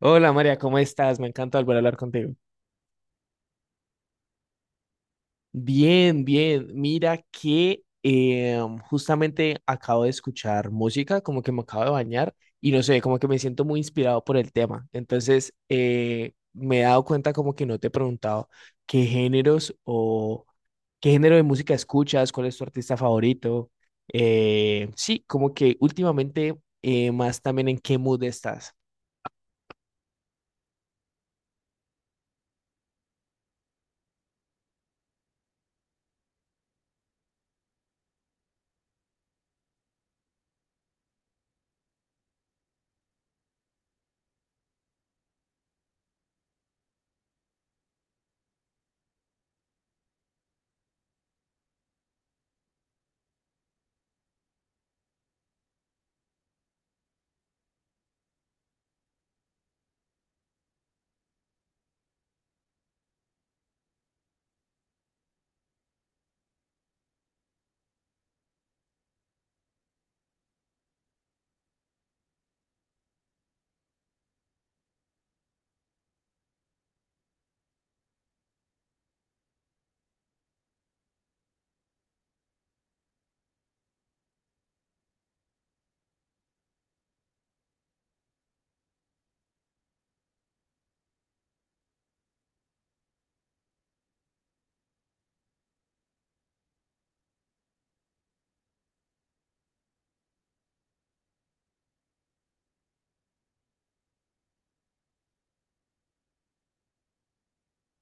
Hola María, ¿cómo estás? Me encanta volver a hablar contigo. Bien, bien. Mira que justamente acabo de escuchar música, como que me acabo de bañar y no sé, como que me siento muy inspirado por el tema. Entonces, me he dado cuenta como que no te he preguntado qué géneros o qué género de música escuchas, cuál es tu artista favorito. Sí, como que últimamente más también en qué mood estás.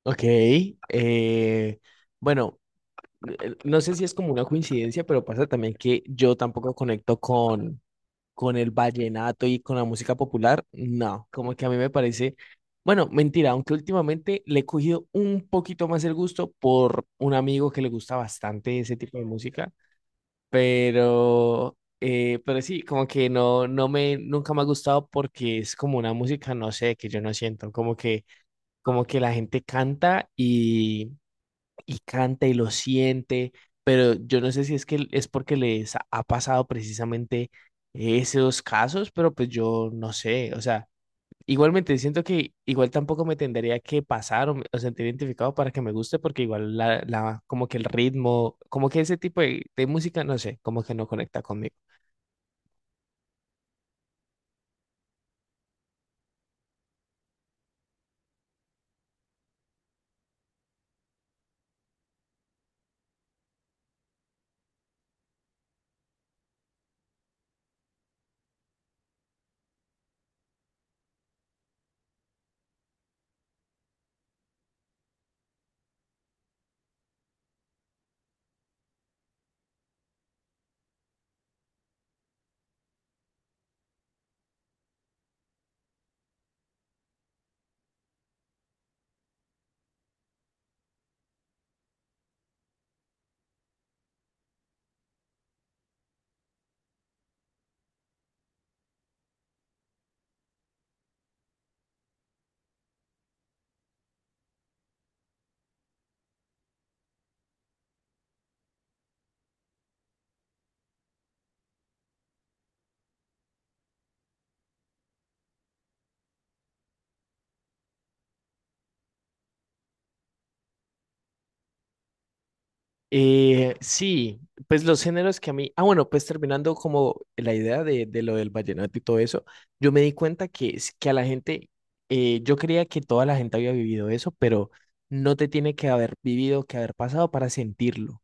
Ok. eh, bueno. No sé si es como una coincidencia, pero pasa también que yo tampoco conecto con el vallenato y con la música popular. No, como que a mí me parece, bueno, mentira, aunque últimamente le he cogido un poquito más el gusto por un amigo que le gusta bastante ese tipo de música, pero sí, como que no, no me, nunca me ha gustado porque es como una música, no sé, que yo no siento, como que la gente canta y canta y lo siente, pero yo no sé si es que es porque les ha pasado precisamente esos casos, pero pues yo no sé, o sea, igualmente siento que igual tampoco me tendría que pasar o, o sentir identificado para que me guste, porque igual la, como que el ritmo, como que ese tipo de música, no sé, como que no conecta conmigo. Sí, pues los géneros que a mí, ah bueno, pues terminando como la idea de lo del vallenato y todo eso, yo me di cuenta que, que a la gente, yo creía que toda la gente había vivido eso, pero no te tiene que haber vivido, que haber pasado para sentirlo.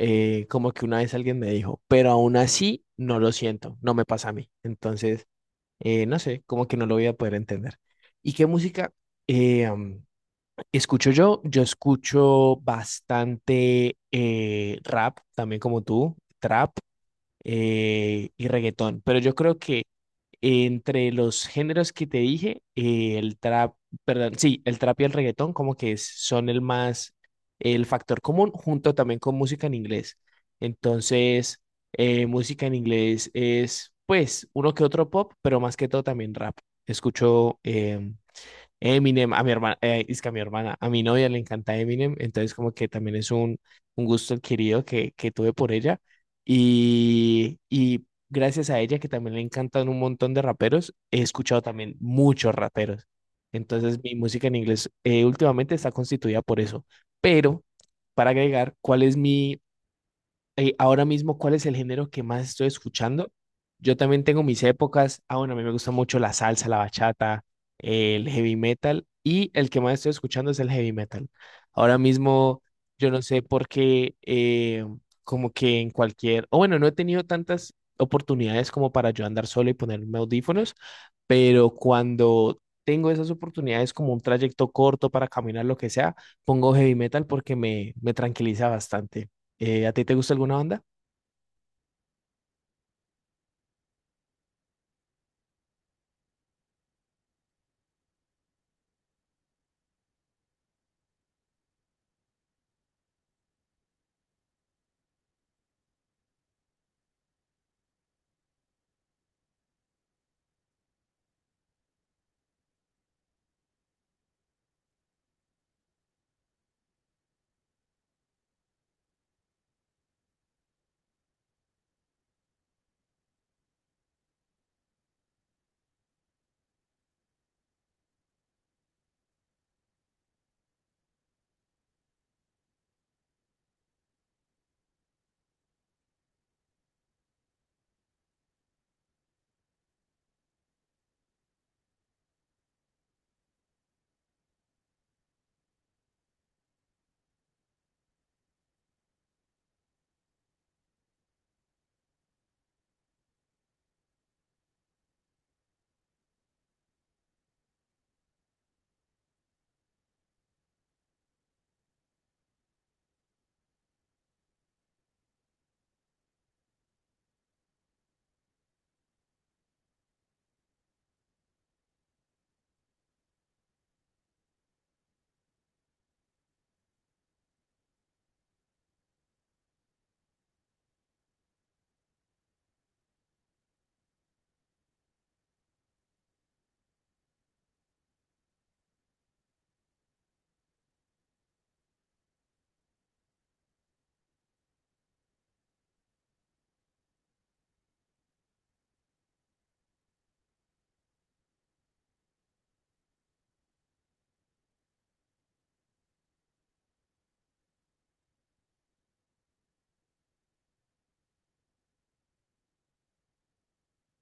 Como que una vez alguien me dijo, pero aún así no lo siento, no me pasa a mí. Entonces, no sé, como que no lo voy a poder entender. ¿Y qué música? Escucho yo, yo escucho bastante rap, también como tú, trap y reggaetón, pero yo creo que entre los géneros que te dije, el trap, perdón, sí, el trap y el reggaetón como que son el más, el factor común junto también con música en inglés. Entonces, música en inglés es pues uno que otro pop, pero más que todo también rap. Escucho Eminem, a mi hermana, es que a mi hermana, a mi novia le encanta Eminem, entonces como que también es un gusto adquirido que tuve por ella y gracias a ella que también le encantan un montón de raperos, he escuchado también muchos raperos, entonces mi música en inglés últimamente está constituida por eso, pero para agregar, ¿cuál es mi, ahora mismo, ¿cuál es el género que más estoy escuchando? Yo también tengo mis épocas. Ah, bueno, a mí me gusta mucho la salsa, la bachata, el heavy metal y el que más estoy escuchando es el heavy metal. Ahora mismo, yo no sé por qué, como que en cualquier, o bueno, no he tenido tantas oportunidades como para yo andar solo y ponerme audífonos, pero cuando tengo esas oportunidades como un trayecto corto para caminar, lo que sea, pongo heavy metal porque me tranquiliza bastante. ¿A ti te gusta alguna banda?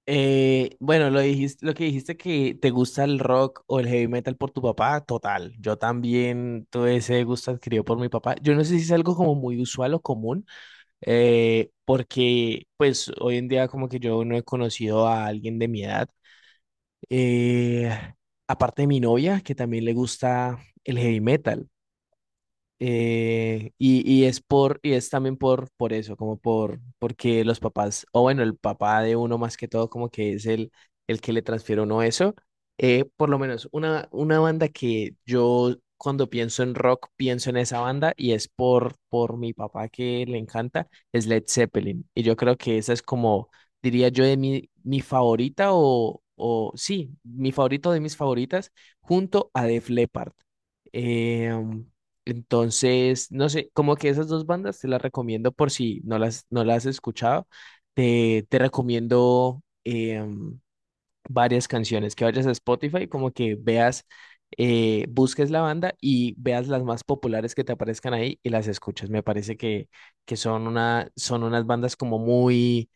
Bueno, lo dijiste, lo que dijiste que te gusta el rock o el heavy metal por tu papá, total. Yo también tuve ese gusto adquirido por mi papá. Yo no sé si es algo como muy usual o común, porque pues hoy en día como que yo no he conocido a alguien de mi edad. Eh, aparte de mi novia, que también le gusta el heavy metal. Y es por, y es también por eso, como por, porque los papás, o bueno, el papá de uno más que todo, como que es el que le transfiere a uno eso. Por lo menos una banda que yo cuando pienso en rock, pienso en esa banda y es por mi papá que le encanta, es Led Zeppelin. Y yo creo que esa es como, diría yo, de mi, mi favorita o sí, mi favorito de mis favoritas, junto a Def Leppard. Em, entonces, no sé, como que esas dos bandas te las recomiendo por si no las, no las has escuchado. Te recomiendo varias canciones, que vayas a Spotify, como que veas, busques la banda y veas las más populares que te aparezcan ahí y las escuches. Me parece que son una, son unas bandas como muy,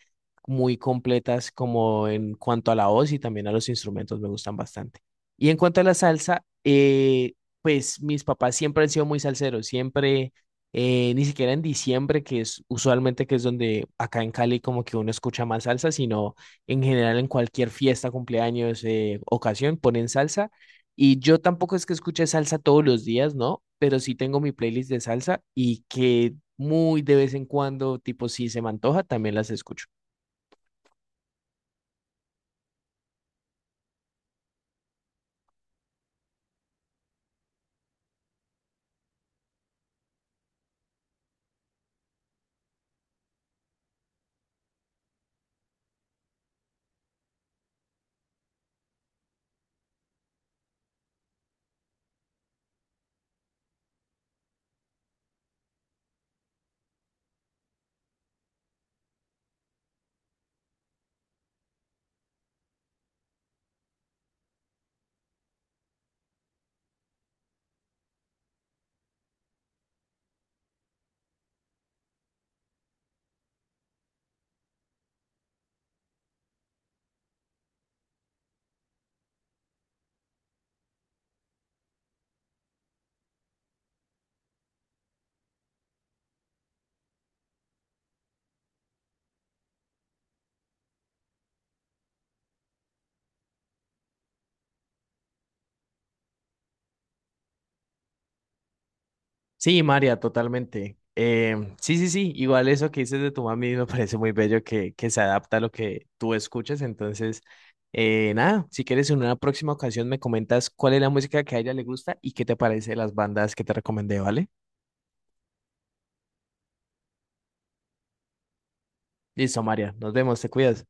muy completas como en cuanto a la voz y también a los instrumentos, me gustan bastante. Y en cuanto a la salsa, pues mis papás siempre han sido muy salseros, siempre... ni siquiera en diciembre, que es usualmente que es donde acá en Cali como que uno escucha más salsa, sino en general, en cualquier fiesta, cumpleaños, ocasión, ponen salsa. Y yo tampoco es que escuche salsa todos los días, ¿no? Pero sí tengo mi playlist de salsa y que muy de vez en cuando, tipo, si se me antoja, también las escucho. Sí, María, totalmente. Sí, sí, sí, igual eso que dices de tu mami me parece muy bello que se adapta a lo que tú escuchas. Entonces, nada, si quieres en una próxima ocasión me comentas cuál es la música que a ella le gusta y qué te parece las bandas que te recomendé, ¿vale? Listo, María. Nos vemos, te cuidas.